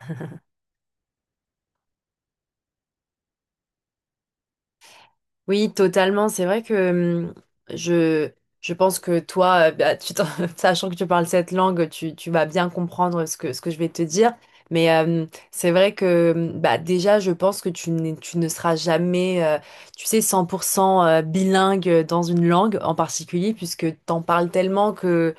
Mhm. Oui, totalement. C'est vrai que je, je pense que toi, sachant que tu parles cette langue, tu vas bien comprendre ce que je vais te dire. Mais c'est vrai que déjà, je pense que tu ne seras jamais, tu sais, 100% bilingue dans une langue en particulier, puisque t'en parles tellement que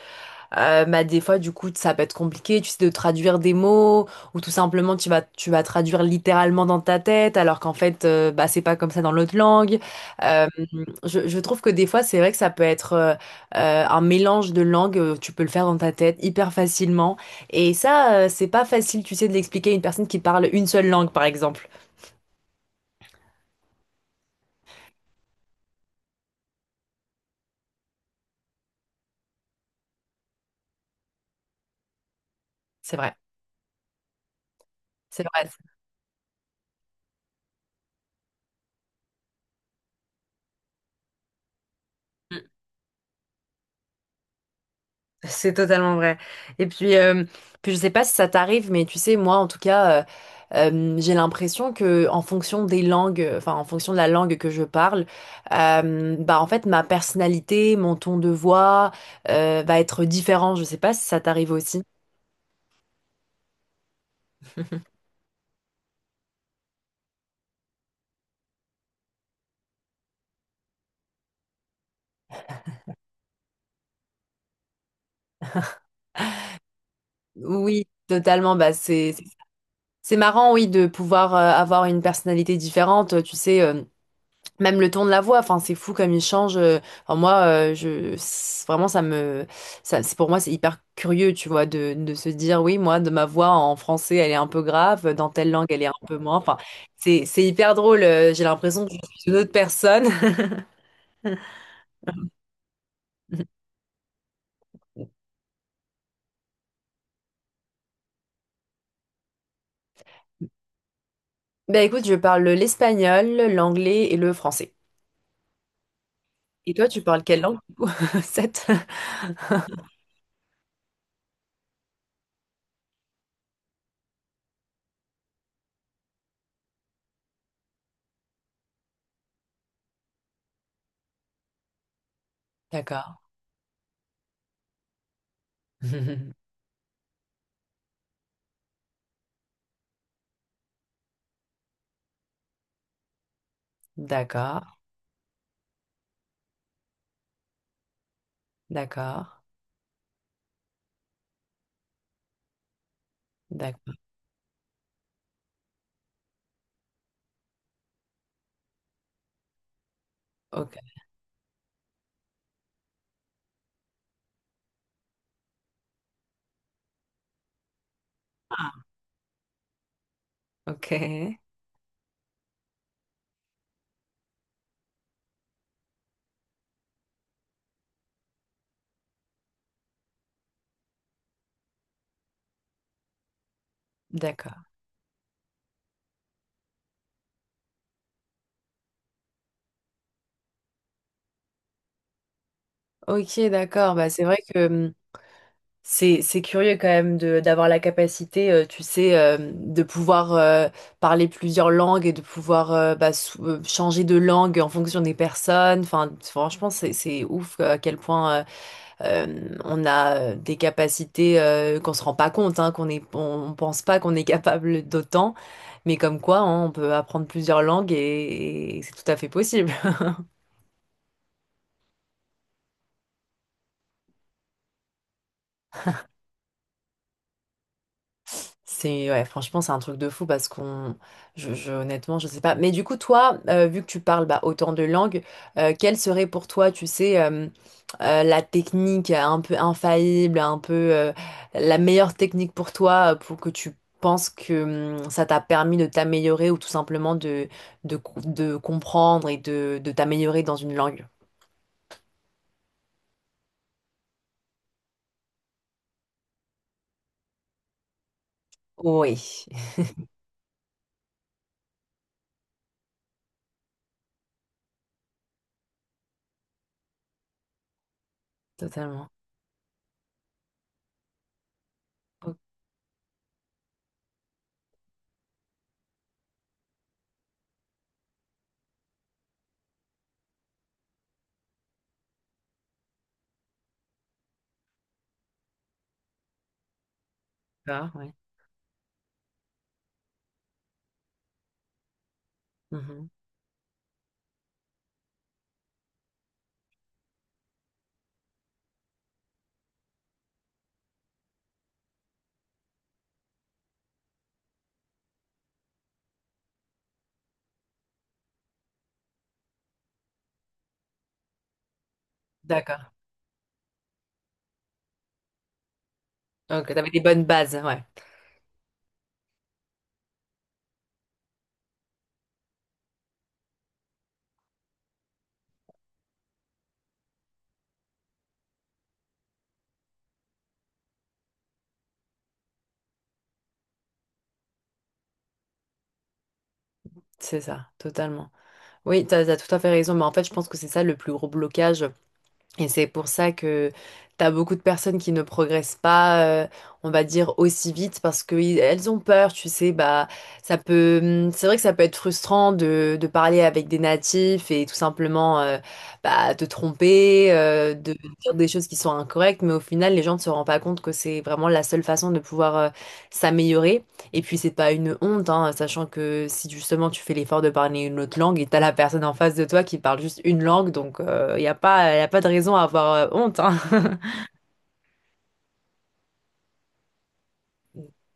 des fois, du coup, ça peut être compliqué, tu sais, de traduire des mots, ou tout simplement, tu vas traduire littéralement dans ta tête, alors qu'en fait, c'est pas comme ça dans l'autre langue. Euh, je trouve que des fois, c'est vrai que ça peut être un mélange de langues, tu peux le faire dans ta tête hyper facilement. Et ça, c'est pas facile, tu sais, de l'expliquer à une personne qui parle une seule langue, par exemple. C'est vrai, c'est vrai. C'est totalement vrai. Et puis, puis je sais pas si ça t'arrive, mais tu sais, moi, en tout cas, j'ai l'impression que en fonction des langues, enfin, en fonction de la langue que je parle, en fait, ma personnalité, mon ton de voix, va être différent. Je sais pas si ça t'arrive aussi. Oui, totalement. C'est marrant, oui, de pouvoir avoir une personnalité différente. Tu sais. Même le ton de la voix, enfin c'est fou comme il change. Enfin, vraiment ça c'est pour moi c'est hyper curieux, tu vois, de se dire oui moi de ma voix en français elle est un peu grave, dans telle langue elle est un peu moins. Enfin c'est hyper drôle. J'ai l'impression que je suis une autre personne. Ben écoute, je parle l'espagnol, l'anglais et le français. Et toi, tu parles quelle langue du coup? Sept. D'accord. D'accord. D'accord. D'accord. Ok. Ok. D'accord. Ok, d'accord. Bah, c'est vrai que c'est curieux quand même de d'avoir la capacité, tu sais, de pouvoir parler plusieurs langues et de pouvoir changer de langue en fonction des personnes. Enfin, franchement, c'est ouf à quel point on a des capacités qu'on se rend pas compte, hein, on pense pas qu'on est capable d'autant, mais comme quoi, hein, on peut apprendre plusieurs langues et c'est tout à fait possible. C'est ouais, franchement, c'est un truc de fou parce qu'on, honnêtement, je sais pas. Mais du coup, toi, vu que tu parles bah, autant de langues, quelle serait pour toi, tu sais, la technique un peu infaillible, un peu la meilleure technique pour toi, pour que tu penses que ça t'a permis de t'améliorer ou tout simplement de comprendre et de t'améliorer dans une langue? Oui, totalement. Ok, ouais. Mhm. D'accord. Ok, t'avais des bonnes bases, ouais. C'est ça, totalement. Oui, as tout à fait raison, mais en fait, je pense que c'est ça le plus gros blocage. Et c'est pour ça que t'as beaucoup de personnes qui ne progressent pas, on va dire, aussi vite parce que elles ont peur, tu sais, bah, ça peut, c'est vrai que ça peut être frustrant de parler avec des natifs et tout simplement, te tromper, de dire des choses qui sont incorrectes, mais au final, les gens ne se rendent pas compte que c'est vraiment la seule façon de pouvoir, s'améliorer. Et puis c'est pas une honte, hein, sachant que si justement tu fais l'effort de parler une autre langue et t'as la personne en face de toi qui parle juste une langue, donc il n'y a pas, y a pas de raison à avoir honte. Hein.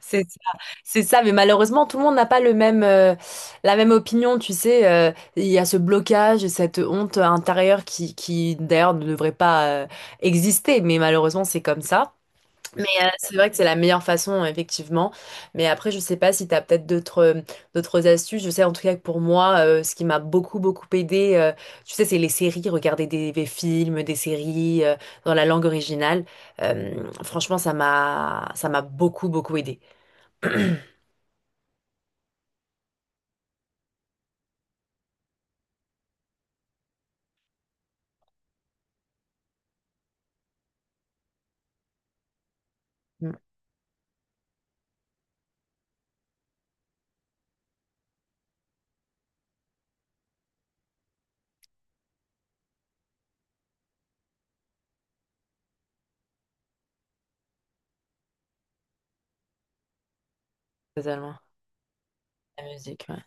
C'est ça, c'est ça, mais malheureusement tout le monde n'a pas le même, la même opinion, tu sais. Il y a ce blocage, et cette honte intérieure qui d'ailleurs ne devrait pas exister, mais malheureusement c'est comme ça. Mais c'est vrai que c'est la meilleure façon, effectivement. Mais après, je sais pas si tu as peut-être d'autres d'autres astuces. Je sais en tout cas que pour moi, ce qui m'a beaucoup, beaucoup aidé, tu sais, c'est les séries, regarder des films, des séries dans la langue originale. Euh, Franchement, ça m'a beaucoup, beaucoup aidé. Totalement. La musique, ouais.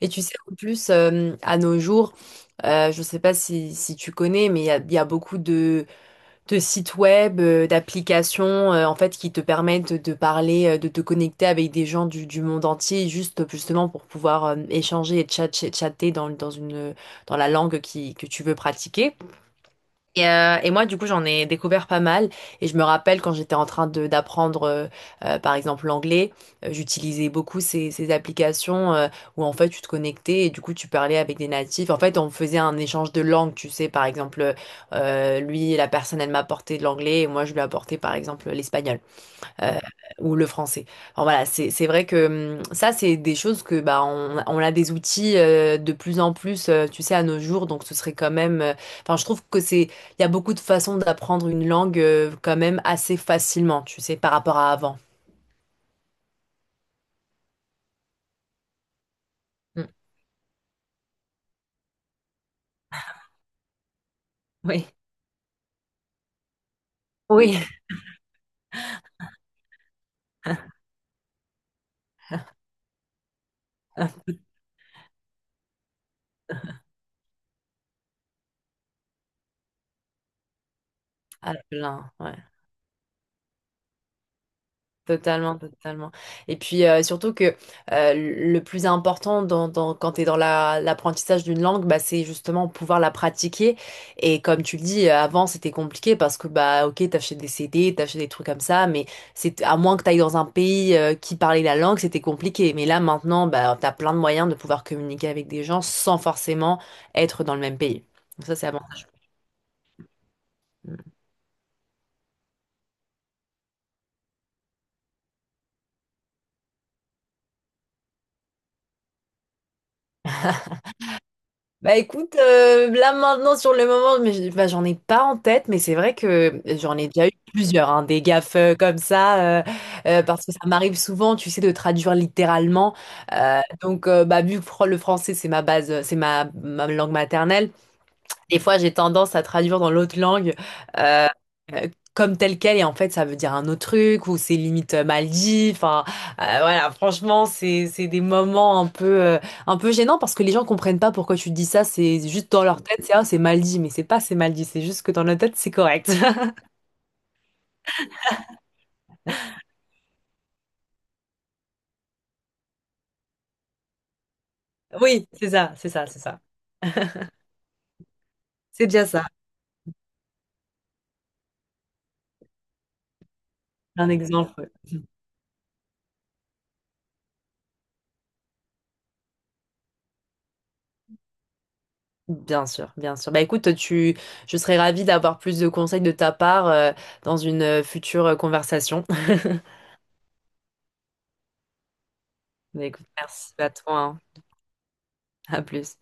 Et tu sais, en plus, à nos jours, je ne sais pas si tu connais, mais il y a beaucoup de sites web, d'applications, en fait, qui te permettent de parler, de te connecter avec des gens du monde entier, juste justement pour pouvoir échanger et chatter dans une, dans la langue que tu veux pratiquer. Et moi, du coup, j'en ai découvert pas mal. Et je me rappelle quand j'étais en train de d'apprendre, par exemple, l'anglais, j'utilisais beaucoup ces applications où en fait, tu te connectais et du coup, tu parlais avec des natifs. En fait, on faisait un échange de langues, tu sais. Par exemple, lui, la personne, elle m'apportait de l'anglais et moi, je lui apportais, par exemple, l'espagnol euh, ou le français. Alors voilà, c'est vrai que ça, c'est des choses que bah on a des outils de plus en plus, tu sais, à nos jours. Donc ce serait quand même. Enfin, je trouve que c'est il y a beaucoup de façons d'apprendre une langue quand même assez facilement, tu sais, par rapport à avant. Mm. Oui. Oui, à plein. Ouais. Totalement, totalement. Et puis surtout que le plus important quand tu es dans l'apprentissage d'une langue, bah, c'est justement pouvoir la pratiquer. Et comme tu le dis, avant c'était compliqué parce que bah ok, t'achetais des CD, t'achetais des trucs comme ça, mais c'est à moins que tu ailles dans un pays qui parlait la langue, c'était compliqué. Mais là maintenant, bah, tu as plein de moyens de pouvoir communiquer avec des gens sans forcément être dans le même pays. Donc ça, c'est avant. Bah écoute, là maintenant sur le moment, mais j'en ai pas en tête, mais c'est vrai que j'en ai déjà eu plusieurs, hein, des gaffes comme ça, parce que ça m'arrive souvent, tu sais, de traduire littéralement. Vu que le français c'est ma base, c'est ma, ma langue maternelle, des fois, j'ai tendance à traduire dans l'autre langue euh, euh, comme tel quel, et en fait, ça veut dire un autre truc, ou c'est limite mal dit. Enfin, voilà, franchement, c'est des moments un peu gênants parce que les gens comprennent pas pourquoi tu dis ça. C'est juste dans leur tête, c'est ah, c'est mal dit, mais c'est pas c'est mal dit, c'est juste que dans leur tête, c'est correct. Oui, c'est ça, c'est ça, c'est ça. C'est déjà ça. Un exemple. Bien sûr, bien sûr. Bah écoute, je serais ravie d'avoir plus de conseils de ta part dans une future conversation. Mais écoute, merci à toi. Hein. À plus.